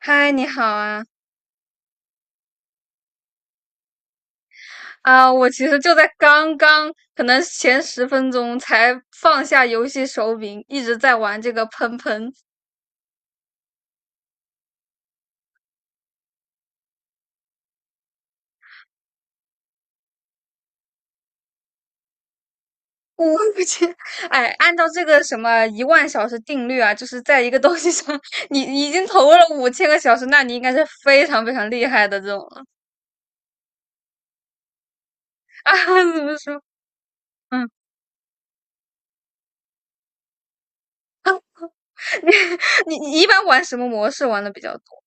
嗨，你好啊！啊，我其实就在刚刚，可能前10分钟才放下游戏手柄，一直在玩这个喷喷。我去，哎，按照这个什么1万小时定律啊，就是在一个东西上，你已经投入了5000个小时，那你应该是非常非常厉害的这种了啊。怎么说？嗯。你一般玩什么模式玩的比较多？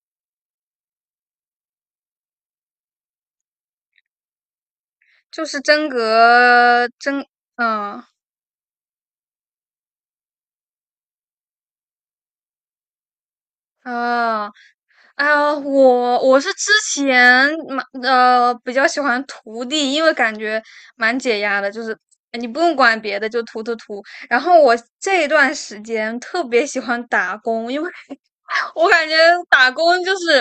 就是真格，嗯啊。哦啊，我是之前蛮比较喜欢涂地，因为感觉蛮解压的，就是你不用管别的，就涂涂涂。然后我这一段时间特别喜欢打工，因为我感觉打工就是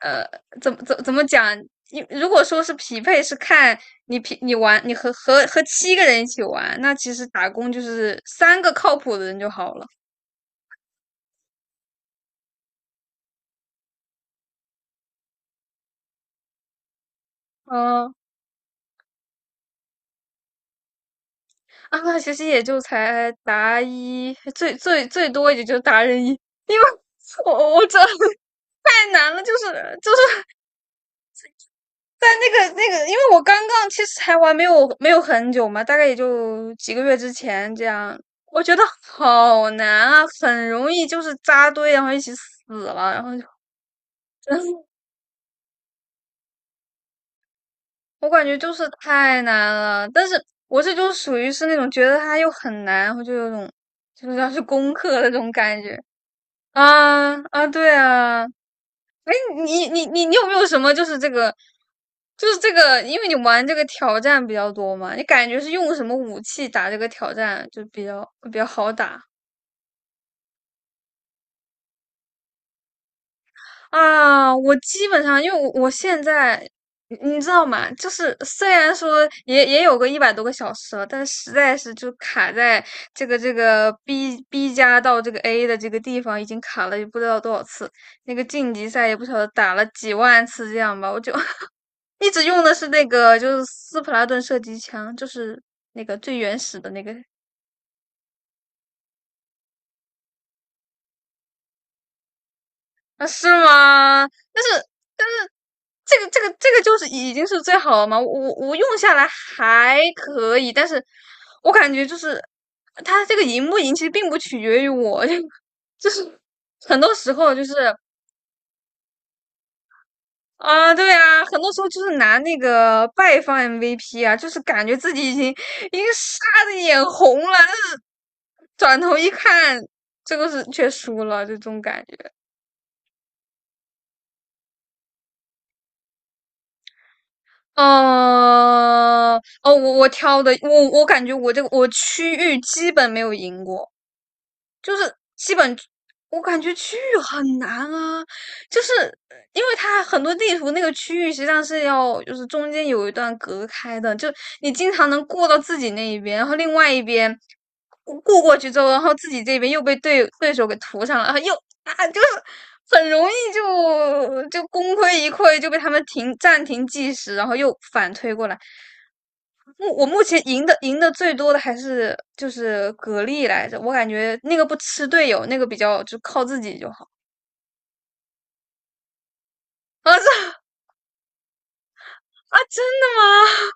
呃怎么讲，你如果说是匹配，是看你匹你玩你和七个人一起玩，那其实打工就是三个靠谱的人就好了。嗯。啊，其实也就才达一，最多也就达人一，因为我这 太难了，就是在那个，因为我刚刚其实才玩没有很久嘛，大概也就几个月之前这样，我觉得好难啊，很容易就是扎堆，然后一起死了，然后就 我感觉就是太难了，但是我这就属于是那种觉得它又很难，然后就有种就是要去攻克的那种感觉。啊啊，对啊，哎，你有没有什么就是这个，就是这个，因为你玩这个挑战比较多嘛，你感觉是用什么武器打这个挑战就比较好打？啊？我基本上因为我现在你知道吗？就是虽然说也有个100多个小时了，但实在是就卡在这个 B 加到这个 A 的这个地方已经卡了也不知道多少次，那个晋级赛也不晓得打了几万次这样吧，我就 一直用的是那个，就是斯普拉顿射击枪，就是那个最原始的那个。啊，是吗？但是这个就是已经是最好了嘛，我用下来还可以，但是我感觉就是它这个赢不赢，其实并不取决于我，就是很多时候就是。啊，对啊，很多时候就是拿那个败方 MVP 啊，就是感觉自己已经杀的眼红了，但是转头一看，这个是却输了，就这种感觉。嗯。哦，我挑的，我感觉我这个我区域基本没有赢过。就是基本我感觉区域很难啊，就是因为它很多地图那个区域实际上是要就是中间有一段隔开的，就你经常能过到自己那一边，然后另外一边过去之后，然后自己这边又被对手给涂上了，然后又啊就是很容易就功亏一篑，就被他们暂停计时，然后又反推过来。我目前赢的最多的还是就是蛤蜊来着，我感觉那个不吃队友，那个比较就靠自己就好。啊，这。啊，真的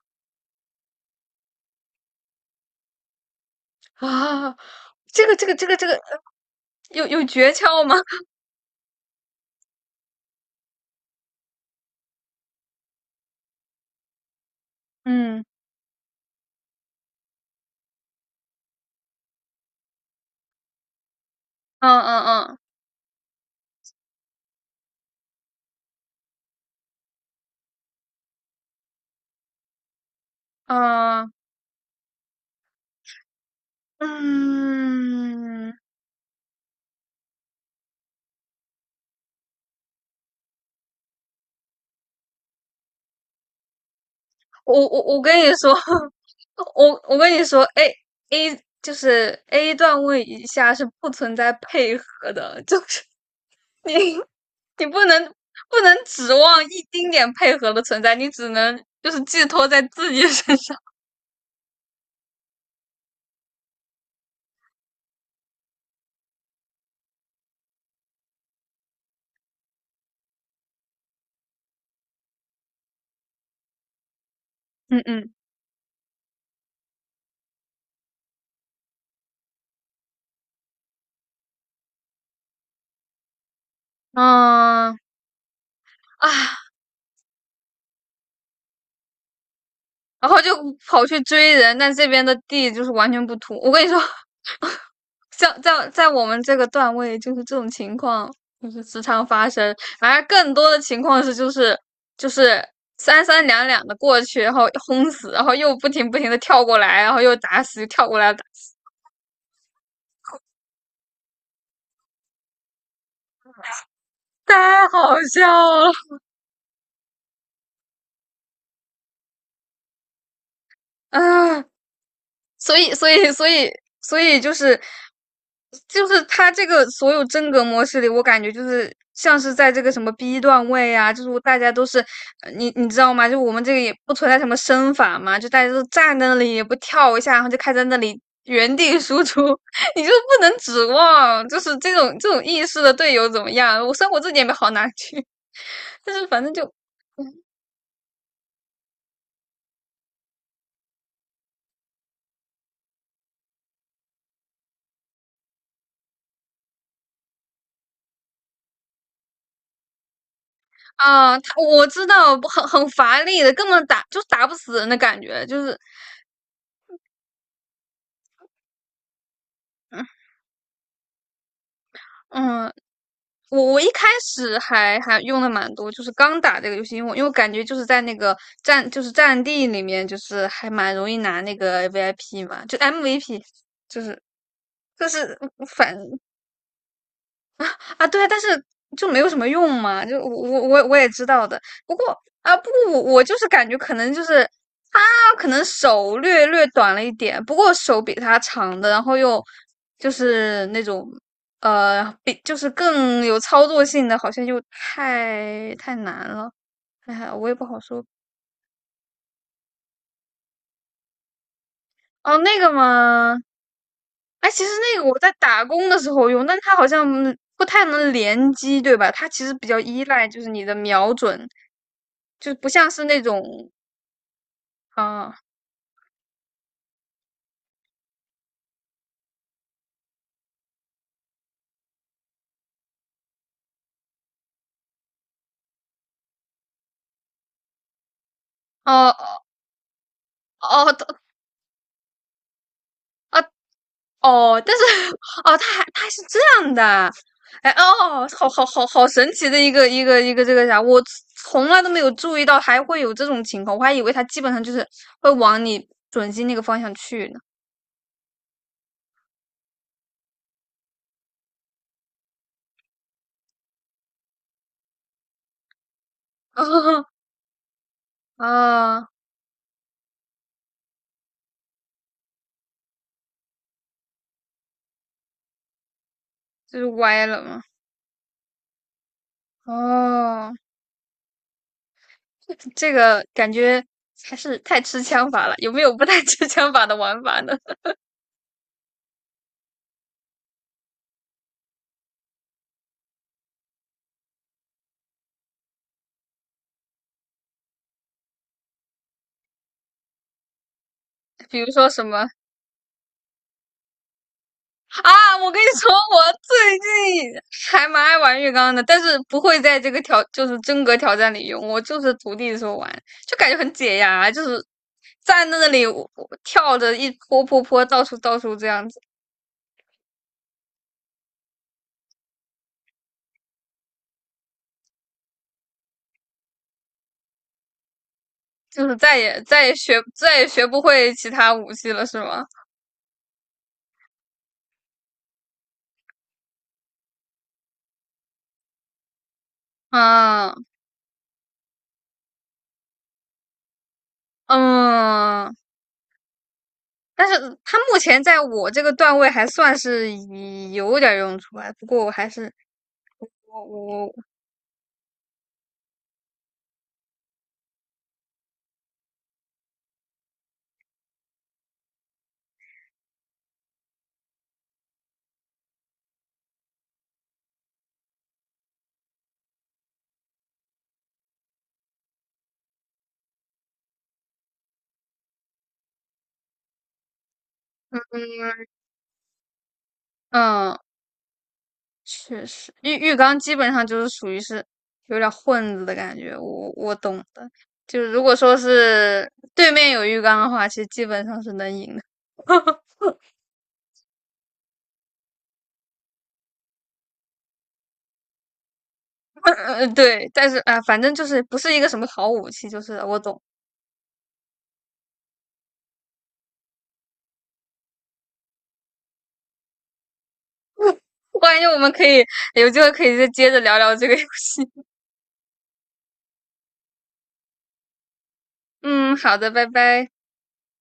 吗？啊，这个有诀窍吗？嗯嗯嗯嗯嗯嗯，我跟你说，我跟你说，A 就是 A 段位以下是不存在配合的，就是你你不能指望一丁点配合的存在，你只能就是寄托在自己身上。嗯嗯，嗯啊，然后就跑去追人，但这边的地就是完全不土。我跟你说，像在我们这个段位，就是这种情况就是时常发生。而更多的情况是，就是就是三三两两的过去，然后轰死，然后又不停不停的跳过来，然后又打死，又跳过来打死。太好笑了。啊！所以，所以，所以，所以就是他这个所有真格模式里，我感觉就是像是在这个什么 B 段位啊，就是大家都是你知道吗？就我们这个也不存在什么身法嘛，就大家都站在那里也不跳一下，然后就开在那里原地输出，你就不能指望就是这种意识的队友怎么样？我生活自己也没好哪去，但是反正就。啊，他我知道，很乏力的，根本打就打不死人的感觉，就是。嗯，嗯，我一开始还用的蛮多，就是刚打这个游戏，因为我感觉就是在那个就是战地里面，就是还蛮容易拿那个 VIP 嘛，就 MVP,就是就是反。啊啊，对啊，但是就没有什么用嘛，就我也知道的。不过啊，不过我就是感觉可能就是他可能手略略短了一点，不过手比他长的，然后又就是那种比就是更有操作性的，好像又太难了。哎呀，我也不好说。哦，那个吗？哎，其实那个我在打工的时候用，但它好像不太能联机，对吧？它其实比较依赖就是你的瞄准，就不像是那种。啊哦哦哦啊哦，但是 哦，它还是这样的，哎哦，好神奇的一个这个啥，我从来都没有注意到还会有这种情况，我还以为它基本上就是会往你准心那个方向去呢。啊就是歪了吗？哦，这个感觉还是太吃枪法了。有没有不太吃枪法的玩法呢？比如说什么？啊？我跟你说，我最近还蛮爱玩浴缸的，但是不会在这个就是真格挑战里用。我就是徒弟的时候玩，就感觉很解压，就是站在那里我跳着一坡坡坡到处到处这样子，就是再也学不会其他武器了，是吗？啊，嗯。但是他目前在我这个段位还算是有点用处吧。不过我还是我我嗯，确实浴缸基本上就是属于是有点混子的感觉。我懂的，就是如果说是对面有浴缸的话，其实基本上是能赢的。对，但是啊、反正就是不是一个什么好武器，就是我懂。我感觉我们可以有机会可以再接着聊聊这个游戏。嗯，好的，拜拜。